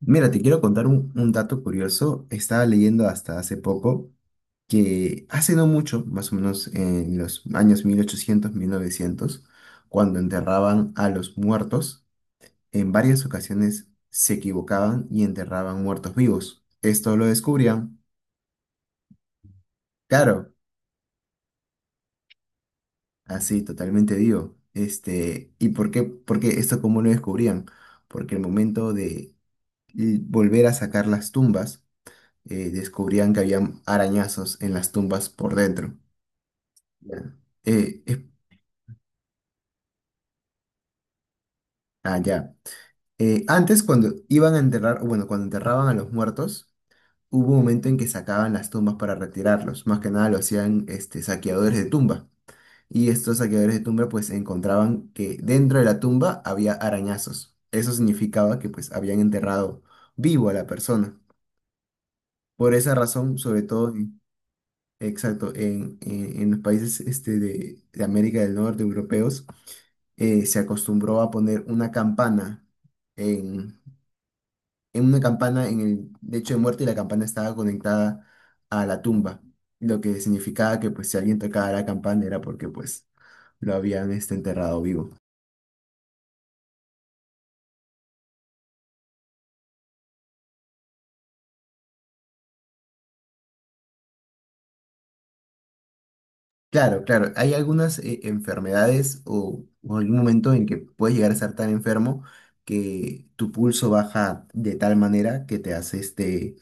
Mira, te quiero contar un dato curioso. Estaba leyendo hasta hace poco que hace no mucho, más o menos en los años 1800 1900, cuando enterraban a los muertos, en varias ocasiones se equivocaban y enterraban muertos vivos. Esto lo descubrían, claro, así totalmente vivo. ¿Y por qué esto cómo lo descubrían? Porque el momento de volver a sacar las tumbas, descubrían que había arañazos en las tumbas por dentro. Ya. Eh, es- ah, ya. Antes, cuando iban a enterrar, o bueno, cuando enterraban a los muertos, hubo un momento en que sacaban las tumbas para retirarlos. Más que nada lo hacían saqueadores de tumba. Y estos saqueadores de tumba pues encontraban que dentro de la tumba había arañazos. Eso significaba que pues habían enterrado vivo a la persona. Por esa razón, sobre todo. Exacto, en, en los países de América del Norte, europeos, se acostumbró a poner una campana en, en una campana en el lecho de muerte y la campana estaba conectada a la tumba, lo que significaba que pues si alguien tocaba la campana era porque pues lo habían enterrado vivo. Claro, claro, hay algunas enfermedades o algún momento en que puedes llegar a estar tan enfermo que tu pulso baja de tal manera que te hace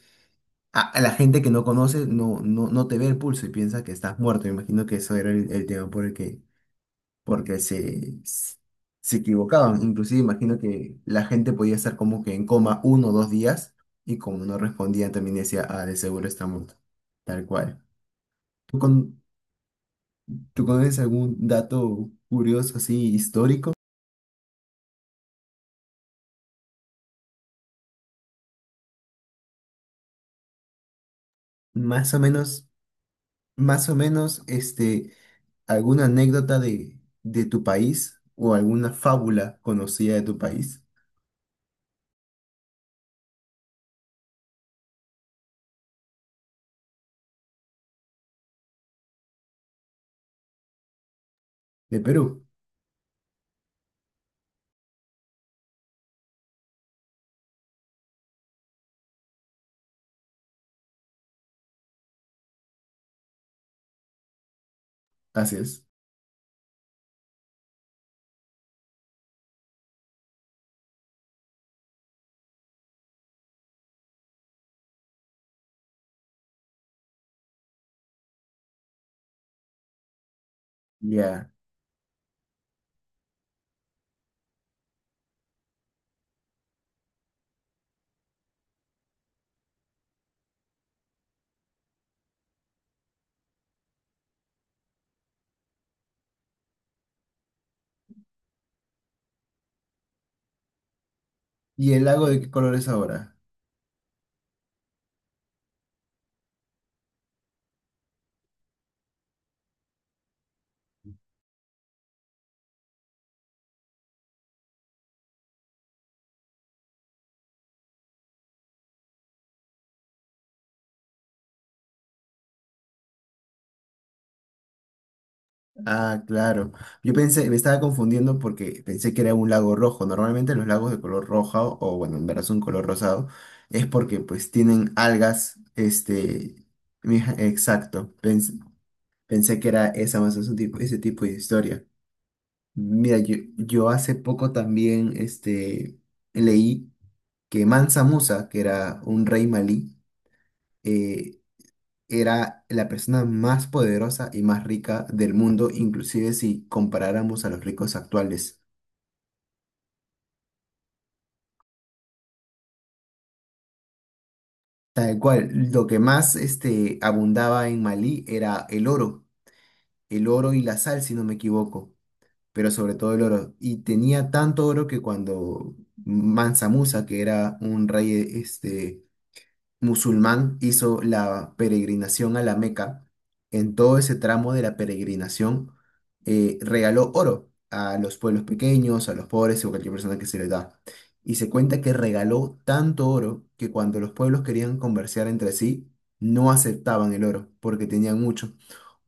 a la gente que no conoce no te ve el pulso y piensa que estás muerto. Me imagino que eso era el tema por el que porque se equivocaban. Inclusive imagino que la gente podía estar como que en coma uno o dos días y como no respondían también decía, ah, de seguro está muerto. Tal cual. ¿Tú, con, Tú conoces algún dato curioso así histórico? Más o menos, Más o menos, alguna anécdota de tu país o alguna fábula conocida de tu país, de Perú. Así es. Ya. ¿Y el lago de qué color es ahora? Ah, claro. Yo pensé, me estaba confundiendo porque pensé que era un lago rojo. Normalmente los lagos de color roja bueno, en verdad son color rosado, es porque pues tienen algas, exacto. Pensé que era esa más o menos un tipo, ese tipo de historia. Mira, yo hace poco también, leí que Mansa Musa, que era un rey malí, eh, era la persona más poderosa y más rica del mundo, inclusive si comparáramos a los ricos actuales. Tal cual, lo que más abundaba en Malí era el oro y la sal, si no me equivoco, pero sobre todo el oro. Y tenía tanto oro que cuando Mansa Musa, que era un rey este, musulmán hizo la peregrinación a la Meca, en todo ese tramo de la peregrinación regaló oro a los pueblos pequeños, a los pobres o cualquier persona que se le da. Y se cuenta que regaló tanto oro que cuando los pueblos querían conversar entre sí, no aceptaban el oro porque tenían mucho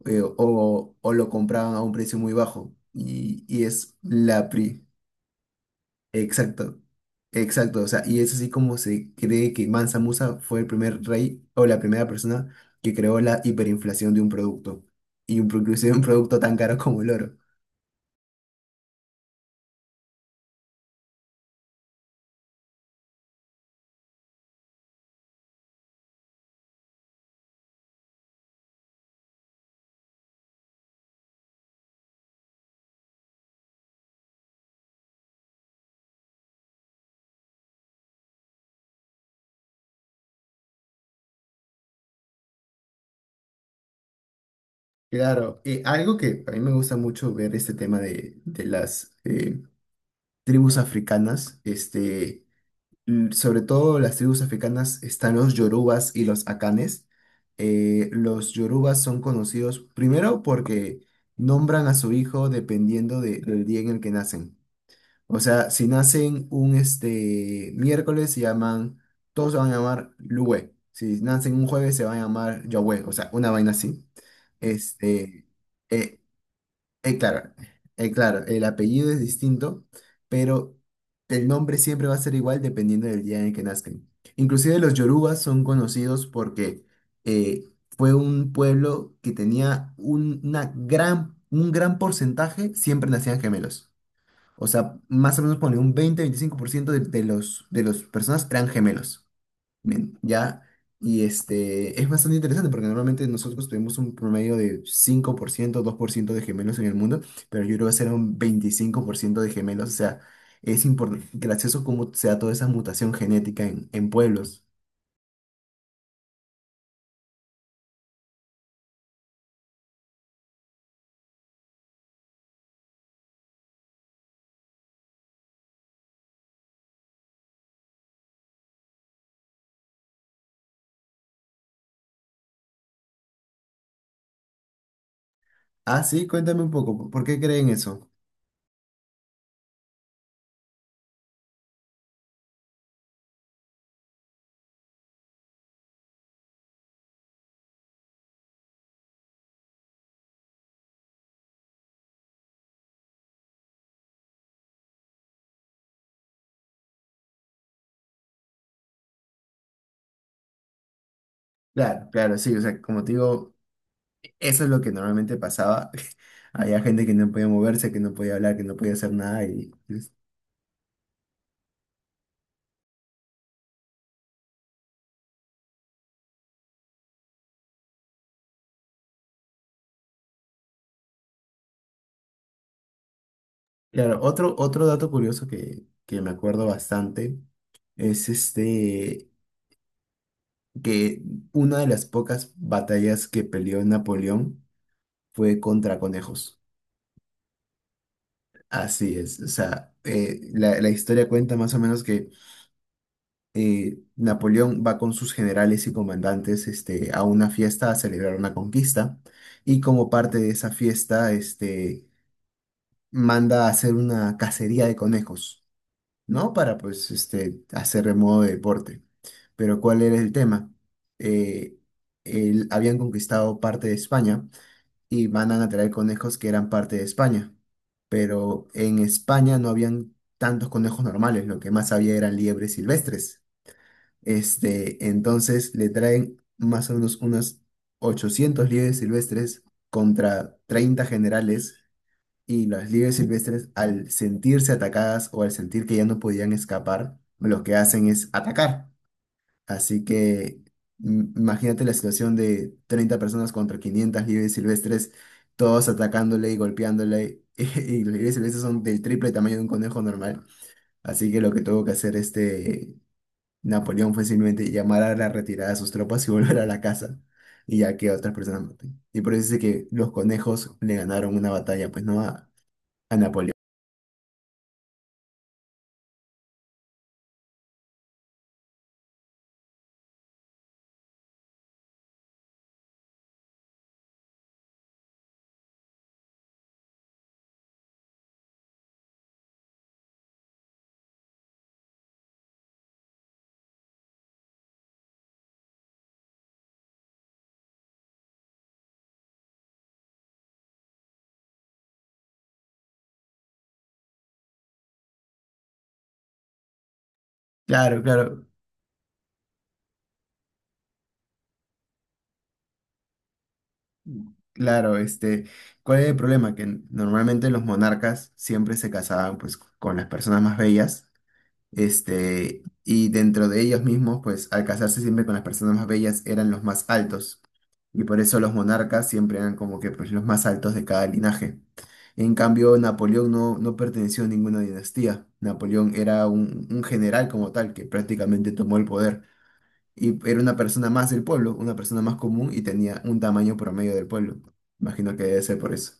o lo compraban a un precio muy bajo. Exacto, exacto, o sea, y es así como se cree que Mansa Musa fue el primer rey o la primera persona que creó la hiperinflación de un producto, inclusive un producto tan caro como el oro. Claro, y algo que a mí me gusta mucho ver este tema de las tribus africanas, sobre todo las tribus africanas están los yorubas y los akanes. Los yorubas son conocidos primero porque nombran a su hijo dependiendo del día en el que nacen. O sea, si nacen un miércoles, se llaman, todos se van a llamar Luwe. Si nacen un jueves, se van a llamar Yahweh, o sea, una vaina así. Este, eh, claro, claro, el apellido es distinto, pero el nombre siempre va a ser igual dependiendo del día en el que nazcan. Inclusive los yorubas son conocidos porque eh, fue un pueblo que tenía un gran porcentaje, siempre nacían gemelos. O sea, más o menos pone un 20-25% de las personas eran gemelos. Bien, ya, y es bastante interesante porque normalmente nosotros tuvimos un promedio de 5% 2% de gemelos en el mundo, pero yo creo que será un 25% de gemelos, o sea, es importante, gracioso cómo se da toda esa mutación genética en pueblos. Ah, sí, cuéntame un poco, ¿por qué creen eso? Claro, claro, sí, o sea, como te digo, eso es lo que normalmente pasaba. Había gente que no podía moverse, que no podía hablar, que no podía hacer nada y... Claro, otro dato curioso que me acuerdo bastante es que una de las pocas batallas que peleó Napoleón fue contra conejos. Así es, o sea, la historia cuenta más o menos que Napoleón va con sus generales y comandantes a una fiesta a celebrar una conquista y como parte de esa fiesta manda a hacer una cacería de conejos, ¿no? Para pues hacer de modo de deporte. Pero ¿cuál era el tema? Eh, Habían conquistado parte de España y mandan a traer conejos que eran parte de España. Pero en España no habían tantos conejos normales, lo que más había eran liebres silvestres. Entonces le traen más o menos unas 800 liebres silvestres contra 30 generales y las liebres silvestres al sentirse atacadas o al sentir que ya no podían escapar, lo que hacen es atacar. Así que imagínate la situación de 30 personas contra 500 liebres silvestres, todos atacándole y golpeándole. Y, los liebres silvestres son del triple tamaño de un conejo normal. Así que lo que tuvo que hacer Napoleón fue simplemente llamar a la retirada de sus tropas y volver a la casa. Y ya que otras personas maten. Y por eso dice que los conejos le ganaron una batalla, pues no a, a Napoleón. Claro, claro. Claro, ¿cuál es el problema? Que normalmente los monarcas siempre se casaban pues con las personas más bellas, y dentro de ellos mismos, pues al casarse siempre con las personas más bellas eran los más altos, y por eso los monarcas siempre eran como que pues los más altos de cada linaje. En cambio, Napoleón no perteneció a ninguna dinastía. Napoleón era un general como tal que prácticamente tomó el poder. Y era una persona más del pueblo, una persona más común y tenía un tamaño promedio del pueblo. Imagino que debe ser por eso.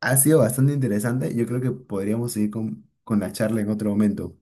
Ha sido bastante interesante. Yo creo que podríamos seguir con la charla en otro momento.